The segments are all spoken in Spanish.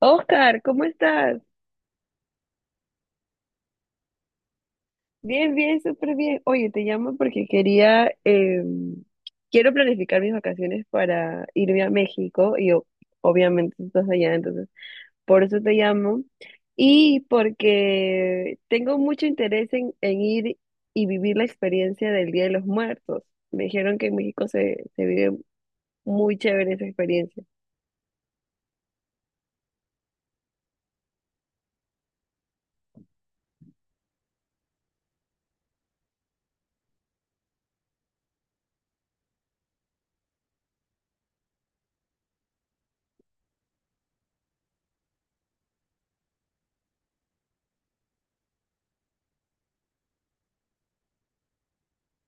Oscar, ¿cómo estás? Bien, bien, súper bien. Oye, te llamo porque quería, quiero planificar mis vacaciones para irme a México y obviamente tú estás allá, entonces por eso te llamo y porque tengo mucho interés en ir y vivir la experiencia del Día de los Muertos. Me dijeron que en México se vive muy chévere esa experiencia.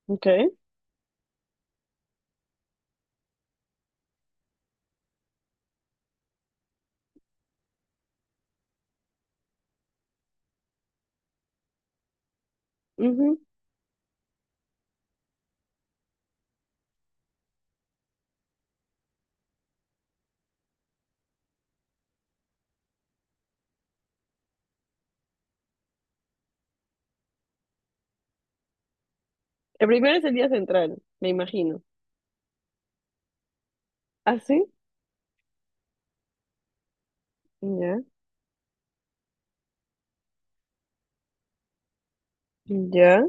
Okay. Ujú. El primero es el día central, me imagino. ¿Ah, sí? Ya, ya.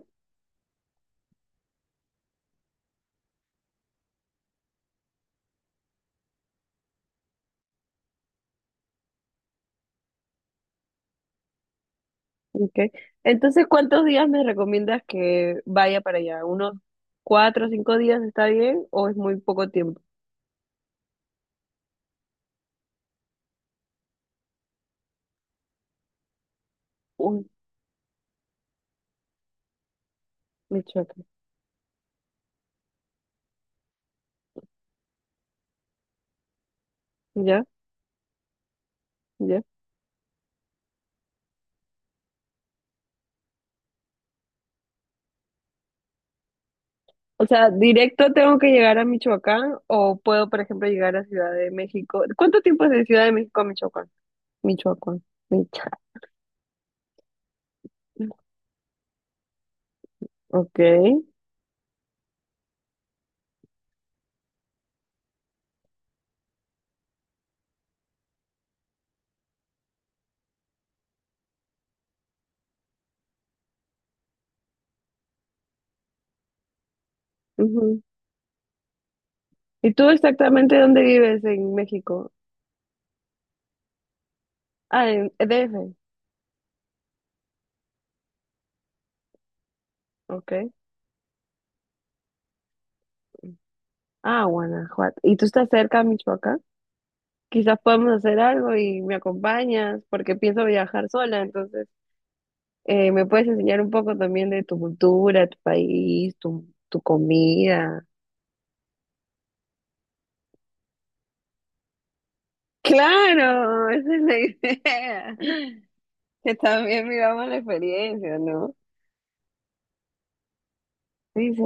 Okay. Entonces, ¿cuántos días me recomiendas que vaya para allá? ¿Unos cuatro o cinco días está bien o es muy poco tiempo? Uy, Michoacán. Ya, ya. O sea, ¿directo tengo que llegar a Michoacán o puedo, por ejemplo, llegar a Ciudad de México? ¿Cuánto tiempo es de Ciudad de México a Michoacán? Michoacán. Michoacán. Ok. Ujú. ¿Y tú exactamente dónde vives en México? Ah, en DF. Ok. Ah, Guanajuato. ¿Y tú estás cerca a Michoacán? Quizás podemos hacer algo y me acompañas, porque pienso viajar sola, entonces me puedes enseñar un poco también de tu cultura, tu país, tu comida. Claro, esa es la idea. Que también vivamos la experiencia, ¿no? Sí, sí.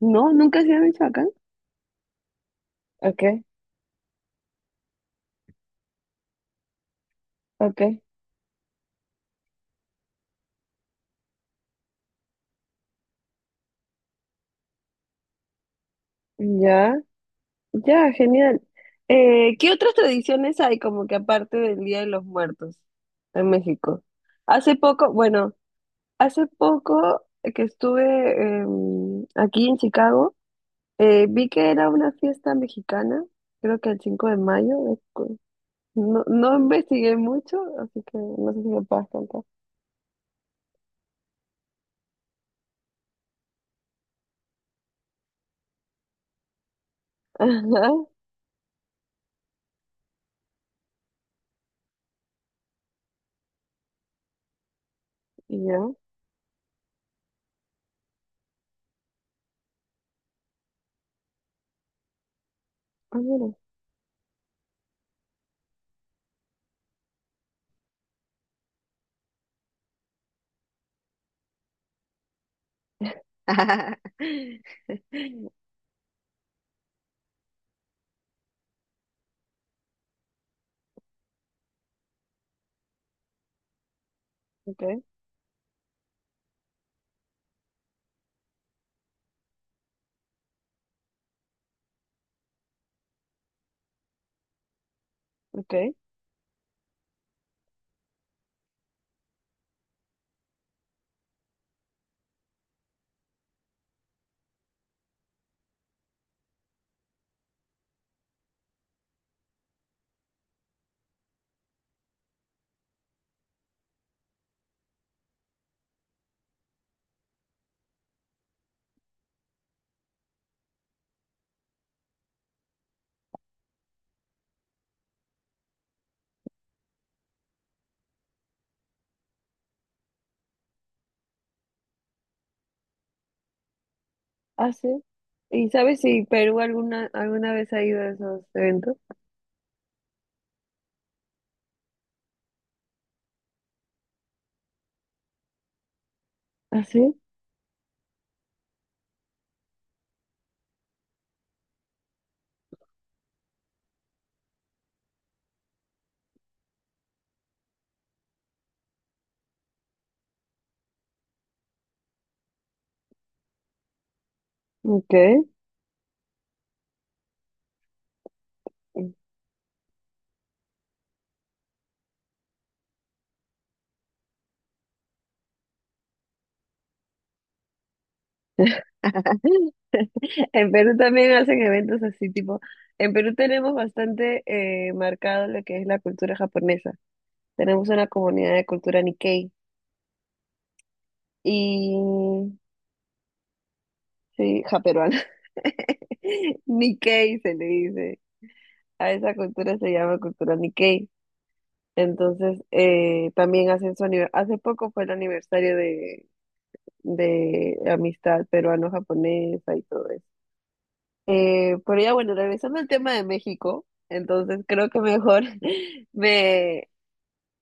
No, nunca se ha hecho acá. Ok, ok. Ya, ya, genial. ¿Qué otras tradiciones hay como que aparte del Día de los Muertos en México? Hace poco, bueno. Hace poco que estuve aquí en Chicago, vi que era una fiesta mexicana, creo que el 5 de mayo. No, no investigué mucho, así que no sé si me puedes contar. Ajá, y ya. Ah, mira. Ok, ok. Ah, sí. ¿Y sabes si Perú alguna vez ha ido a esos eventos? Ah, sí. Ok. En Perú también hacen eventos así, tipo, en Perú tenemos bastante marcado lo que es la cultura japonesa. Tenemos una comunidad de cultura Nikkei y, sí, japeruana. Nikkei se le dice. A esa cultura se llama cultura Nikkei. Entonces, también hacen su aniversario. Hace poco fue el aniversario de amistad peruano-japonesa y todo eso. Pero ya bueno, regresando al tema de México, entonces creo que mejor me...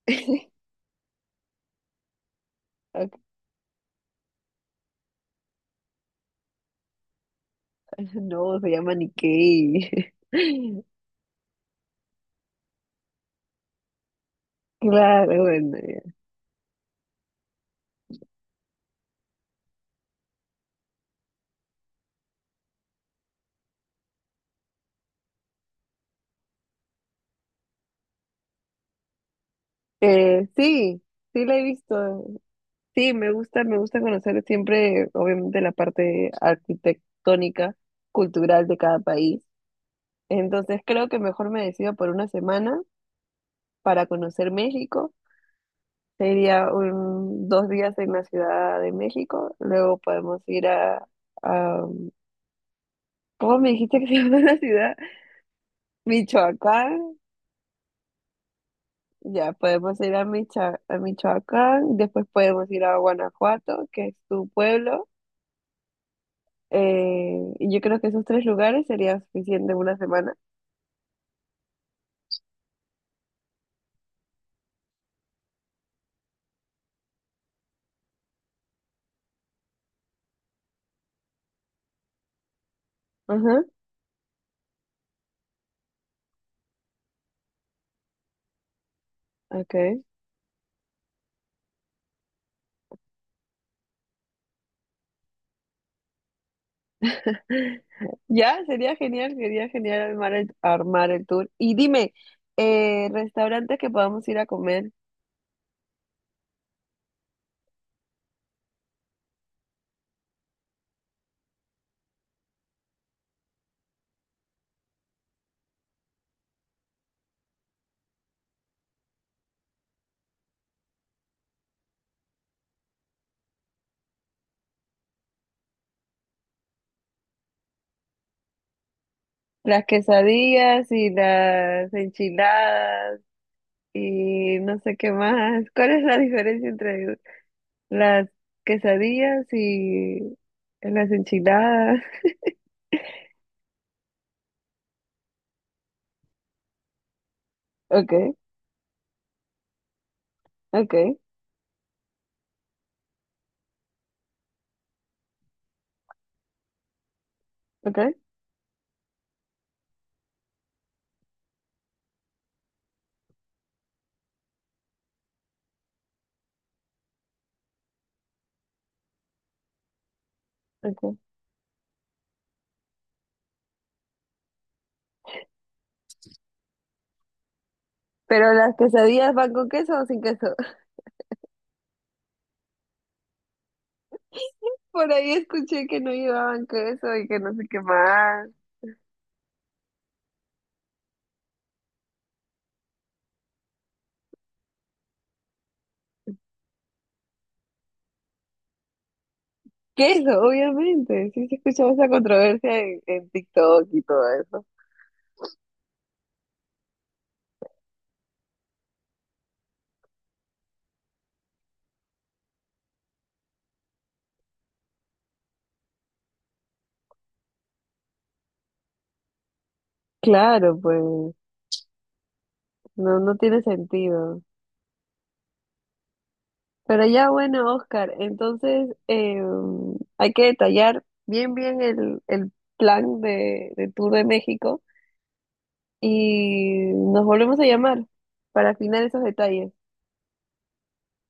No, se llama Nikkei. Claro, bueno, ya. Sí, sí la he visto. Sí, me gusta conocer siempre, obviamente, la parte arquitectónica, cultural de cada país. Entonces creo que mejor me decido por una semana para conocer México. Sería un, dos días en la Ciudad de México, luego podemos ir a, a- ¿cómo me dijiste que se llama la ciudad? Michoacán, ya podemos ir a, a Michoacán, después podemos ir a Guanajuato, que es tu pueblo, y yo creo que esos tres lugares sería suficiente una semana. Ajá, okay. Ya, sería genial armar el tour. Y dime, restaurantes que podamos ir a comer. Las quesadillas y las enchiladas y no sé qué más. ¿Cuál es la diferencia entre las quesadillas y las enchiladas? Okay, okay, okay, okay. Pero las quesadillas van con queso o sin queso. Por ahí escuché que no llevaban queso y que no sé qué más. Queso, obviamente. Sí, se escuchaba esa controversia en TikTok y todo eso. Claro, pues, no, no tiene sentido. Pero ya bueno, Oscar, entonces hay que detallar bien bien el plan de Tour de México y nos volvemos a llamar para afinar esos detalles,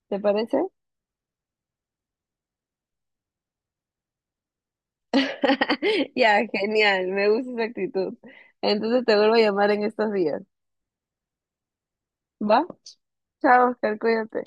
¿te parece? Ya, genial, me gusta esa actitud. Entonces te vuelvo a llamar en estos días, ¿va? Chao, Oscar, cuídate.